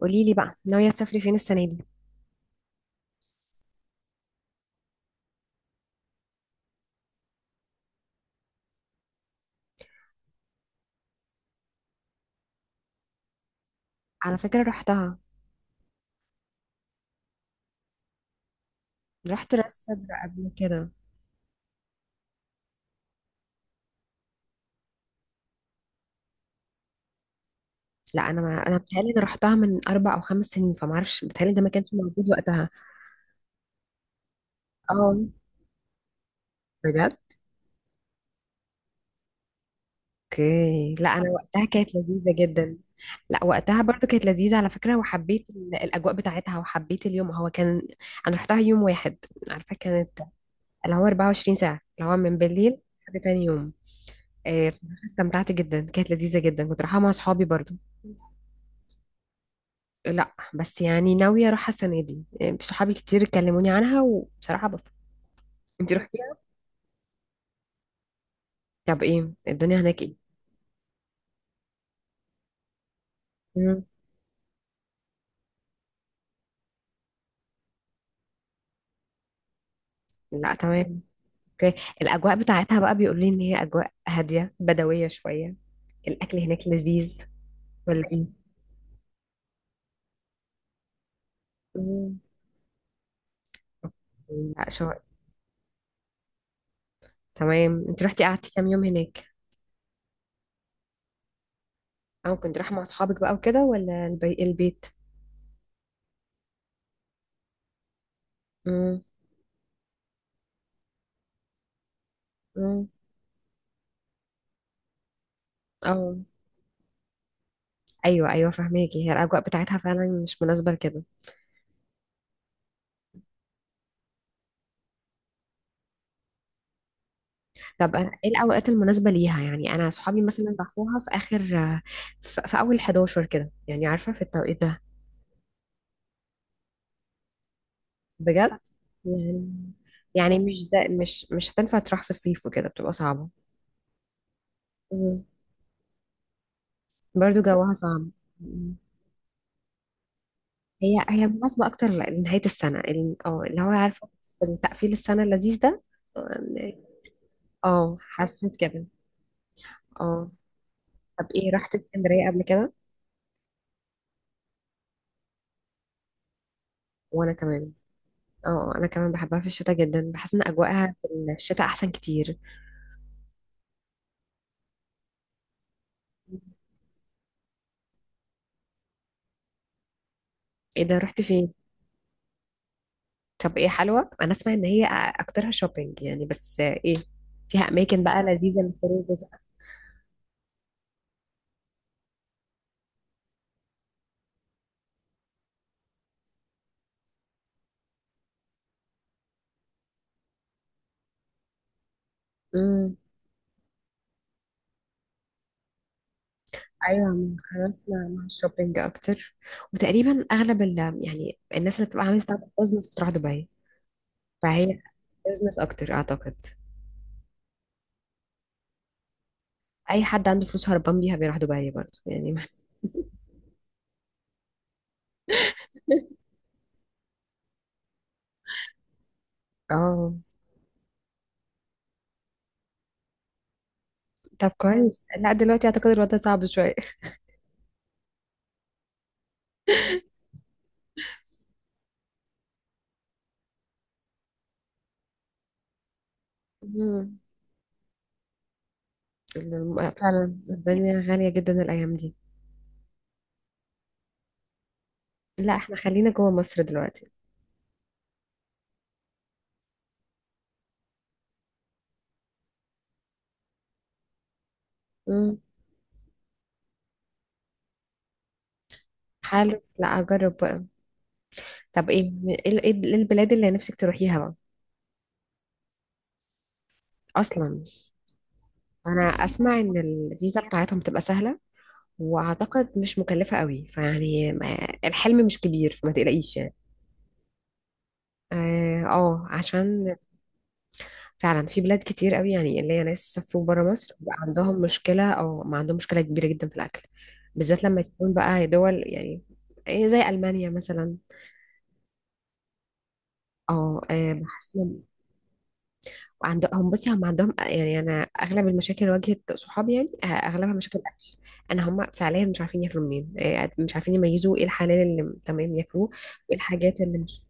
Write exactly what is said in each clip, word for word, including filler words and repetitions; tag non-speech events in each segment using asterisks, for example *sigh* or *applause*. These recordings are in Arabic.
قولي لي بقى، ناوية تسافري فين السنة دي؟ على فكرة، رحتها؟ رحت راس سدر قبل كده؟ لا، انا ما انا بتهيألي انا رحتها من اربع او خمس سنين، فما اعرفش. بتهيألي ده ما كانش موجود وقتها. اه، بجد؟ اوكي. لا، انا وقتها كانت لذيذة جدا. لا، وقتها برضو كانت لذيذة على فكرة، وحبيت ال- الاجواء بتاعتها، وحبيت اليوم. هو كان انا رحتها يوم واحد. عارفة كانت اللي هو 24 ساعة، اللي هو من بالليل لحد تاني يوم. آه، بصراحة استمتعت جدا، كانت لذيذة جدا، كنت رايحة مع صحابي برضو. لا بس يعني ناوية اروحها السنة دي. إيه، صحابي كتير كلموني عنها، وبصراحة بفكر. انتي روحتيها؟ طب ايه الدنيا هناك، ايه؟ مم. لا، تمام. اوكي. الاجواء بتاعتها بقى بيقولوا لي ان هي اجواء هادية بدوية شوية. الاكل هناك لذيذ ولا ايه؟ مم. لا، شو. تمام، انت رحتي، قعدتي كام يوم هناك؟ او كنت رايحه مع اصحابك بقى وكده ولا البي... البيت؟ امم. امم. او. ايوه، ايوه، فهماكي. هي الاجواء بتاعتها فعلا مش مناسبه لكده. طب أنا ايه الاوقات المناسبه ليها؟ يعني انا صحابي مثلا راحوها في اخر، في في اول أحد عشر كده، يعني عارفه في التوقيت ده. بجد؟ يعني، يعني مش ده، مش مش هتنفع تروح في الصيف وكده، بتبقى صعبه. مم. برضو جوها صعب. مم. هي هي مناسبه اكتر ل- لنهايه السنه، ال- اه اللي هو عارفه، في تقفيل السنه اللذيذ ده. اه، حسيت كده. اه. طب ايه، رحت اسكندريه قبل كده؟ وانا كمان. اه، انا كمان بحبها في الشتاء جدا، بحس ان اجواءها في الشتاء احسن كتير. ايه ده، رحت فين؟ طب ايه، حلوة؟ انا اسمع ان هي اكترها شوبينج يعني، بس ايه، فيها اماكن بقى لذيذة للخروج وكده. امم. ايوه، ما انا اسمع عن الشوبينج اكتر، وتقريبا اغلب ال، يعني الناس اللي بتبقى عامله ستارت اب بزنس بتروح دبي، فهي بزنس اكتر اعتقد. اي حد عنده فلوس هربان بيها بيروح دبي برضه يعني. *laughs* اه. طب كويس. لا، دلوقتي اعتقد الوضع صعب شويه. مم. الم- فعلا، الدنيا غاليه جدا الايام دي. لا، احنا خلينا جوه مصر دلوقتي. مم. حلو. لا، اجرب بقى. طب ايه، ايه إيه البلاد اللي نفسك تروحيها بقى؟ اصلا؟ انا اسمع ان الفيزا بتاعتهم بتبقى سهله، واعتقد مش مكلفه قوي، فيعني ما- الحلم مش كبير، فما تقلقيش يعني. اه، آه، عشان فعلا في بلاد كتير قوي يعني، اللي هي ناس سافروا بره مصر بقى عندهم مشكله او ما عندهم مشكله كبيره جدا في الاكل، بالذات لما تكون بقى دول يعني إيه، زي المانيا مثلا. اه، آه، بحس وعندهم، بصي، هم عندهم، يعني انا اغلب المشاكل اللي واجهت صحابي يعني آه، اغلبها مشاكل اكل. انا، هم فعليا مش عارفين ياكلوا منين آه، يعني مش عارفين يميزوا ايه الحلال اللي تمام ياكلوه، وايه الحاجات اللي مش.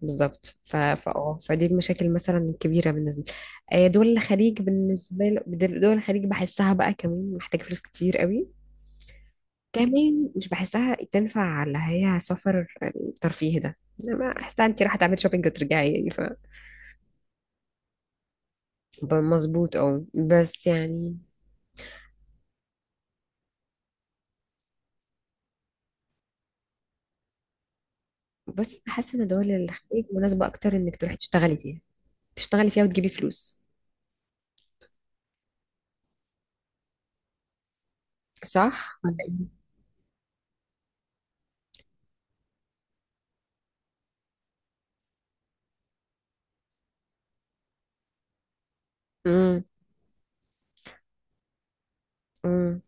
بالظبط، ف ف- اه فدي المشاكل مثلا الكبيره بالنسبه لي آه، دول الخليج بالنسبه لي. دول الخليج بحسها بقى كمان محتاجه فلوس كتير قوي، كمان مش بحسها تنفع على هي سفر الترفيه ده. انما احسن انت راح تعملي شوبينج وترجعي، يعني ف، ب- مظبوط، اه بس يعني، بصي، حاسه ان دول الخليج مناسبه اكتر انك تروحي تشتغلي فيها، تشتغلي فيها وتجيبي فلوس. صح ولا ايه؟ امم. امم.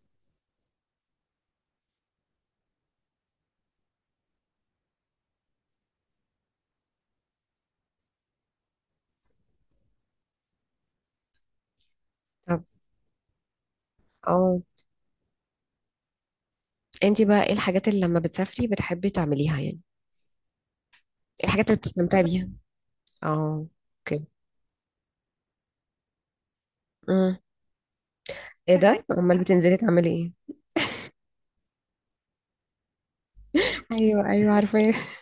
طب، اه انت بقى ايه الحاجات اللي لما بتسافري بتحبي تعمليها يعني؟ ايه الحاجات اللي بتستمتعي بيها؟ اه. اوكي. امم. ايه ده، امال بتنزلي تعملي ايه؟ ايوه، ايوه، عارفه. *laughs*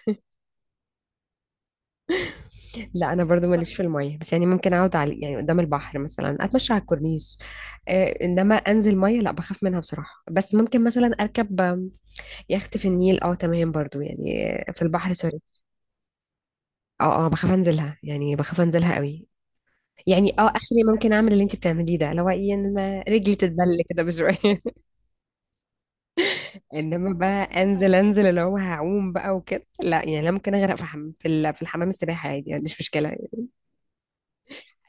لا، انا برضو ماليش في الميه، بس يعني ممكن اقعد على، يعني قدام البحر مثلا، اتمشى على الكورنيش، آه. انما انزل ميه لا، بخاف منها بصراحه. بس ممكن مثلا اركب يخت في النيل، اه، تمام برضو يعني، في البحر، سوري. اه، اه، بخاف انزلها، يعني بخاف انزلها قوي. يعني، اه اخري ممكن اعمل اللي انت بتعمليه ده، اللي هو ايه، انما رجلي تتبل كده بشويه. *laughs* انما بقى انزل، انزل اللي هو هعوم بقى وكده، لا يعني، انا ممكن اغرق في حم... في, ال... في الحمام السباحه عادي، ما عنديش مشكله يعني.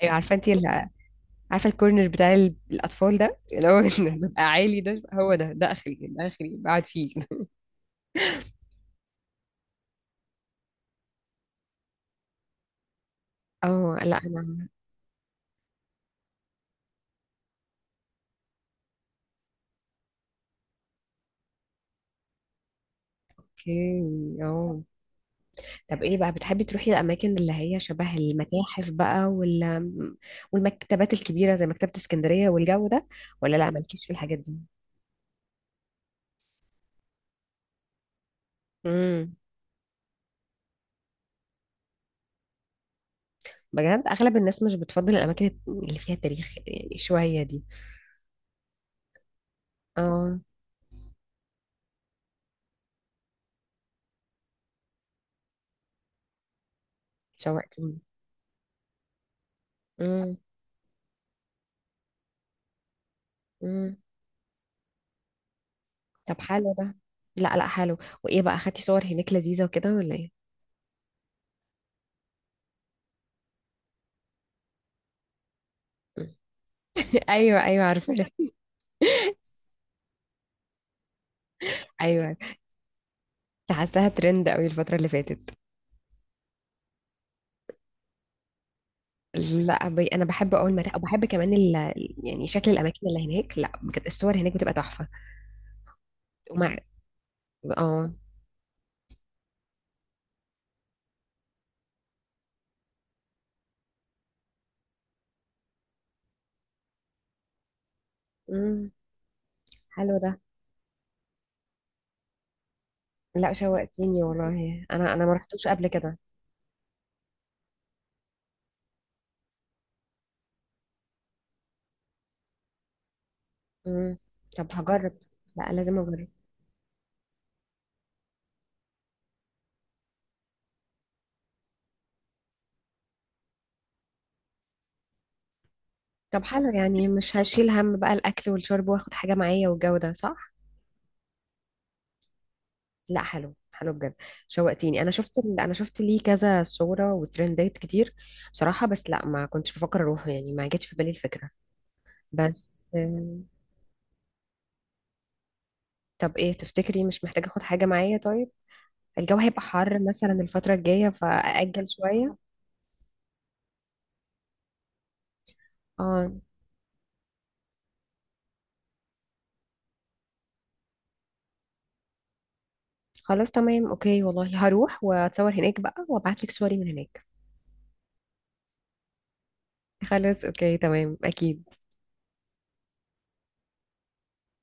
ايوه، عارفه انت ال... عارفه الكورنر بتاع ال... الاطفال ده اللي هو *laughs* إن بيبقى عالي ده، هو ده ده اخري، ده اخري، بقعد فيه. *laughs* اه، لا، انا. اوكي، اه طب ايه بقى، بتحبي تروحي الاماكن اللي هي شبه المتاحف بقى وال... والمكتبات الكبيره زي مكتبه اسكندريه والجو ده؟ ولا لا، مالكيش في الحاجات دي؟ امم. بجد؟ اغلب الناس مش بتفضل الاماكن اللي فيها تاريخ شويه دي. اه. شوقتيني. امم. امم. طب حلو ده. لا، لا، حلو. وايه بقى، اخدتي صور هناك لذيذه وكده ولا ايه؟ *laughs* مم. ايوه، ايوه، عارفه. ايوه. *laughs* كنت حاساها ترند قوي الفتره اللي فاتت. لا، بي... انا بحب اول ما، وبحب كمان ال... يعني شكل الاماكن اللي هناك. لا بجد، الصور هناك بتبقى تحفه. ومع، اه، امم، حلو ده. لا، شوقتيني والله. انا انا ما رحتوش قبل كده. امم. طب هجرب. لا، لازم اجرب. طب حلو يعني، مش هشيل هم بقى الاكل والشرب واخد حاجه معايا والجو ده، صح؟ لا، حلو حلو بجد. شوقتيني. انا شفت ال... انا شفت ليه كذا صوره وترندات كتير بصراحه. بس لا، ما كنتش بفكر اروح يعني، ما جاتش في بالي الفكره. بس طب ايه، تفتكري مش محتاجة اخد حاجة معايا طيب؟ الجو هيبقى حر مثلا الفترة الجاية، فأأجل شوية. اه. خلاص، تمام، اوكي. والله هروح واتصور هناك بقى وابعتلك صوري من هناك. خلاص، اوكي، تمام، اكيد.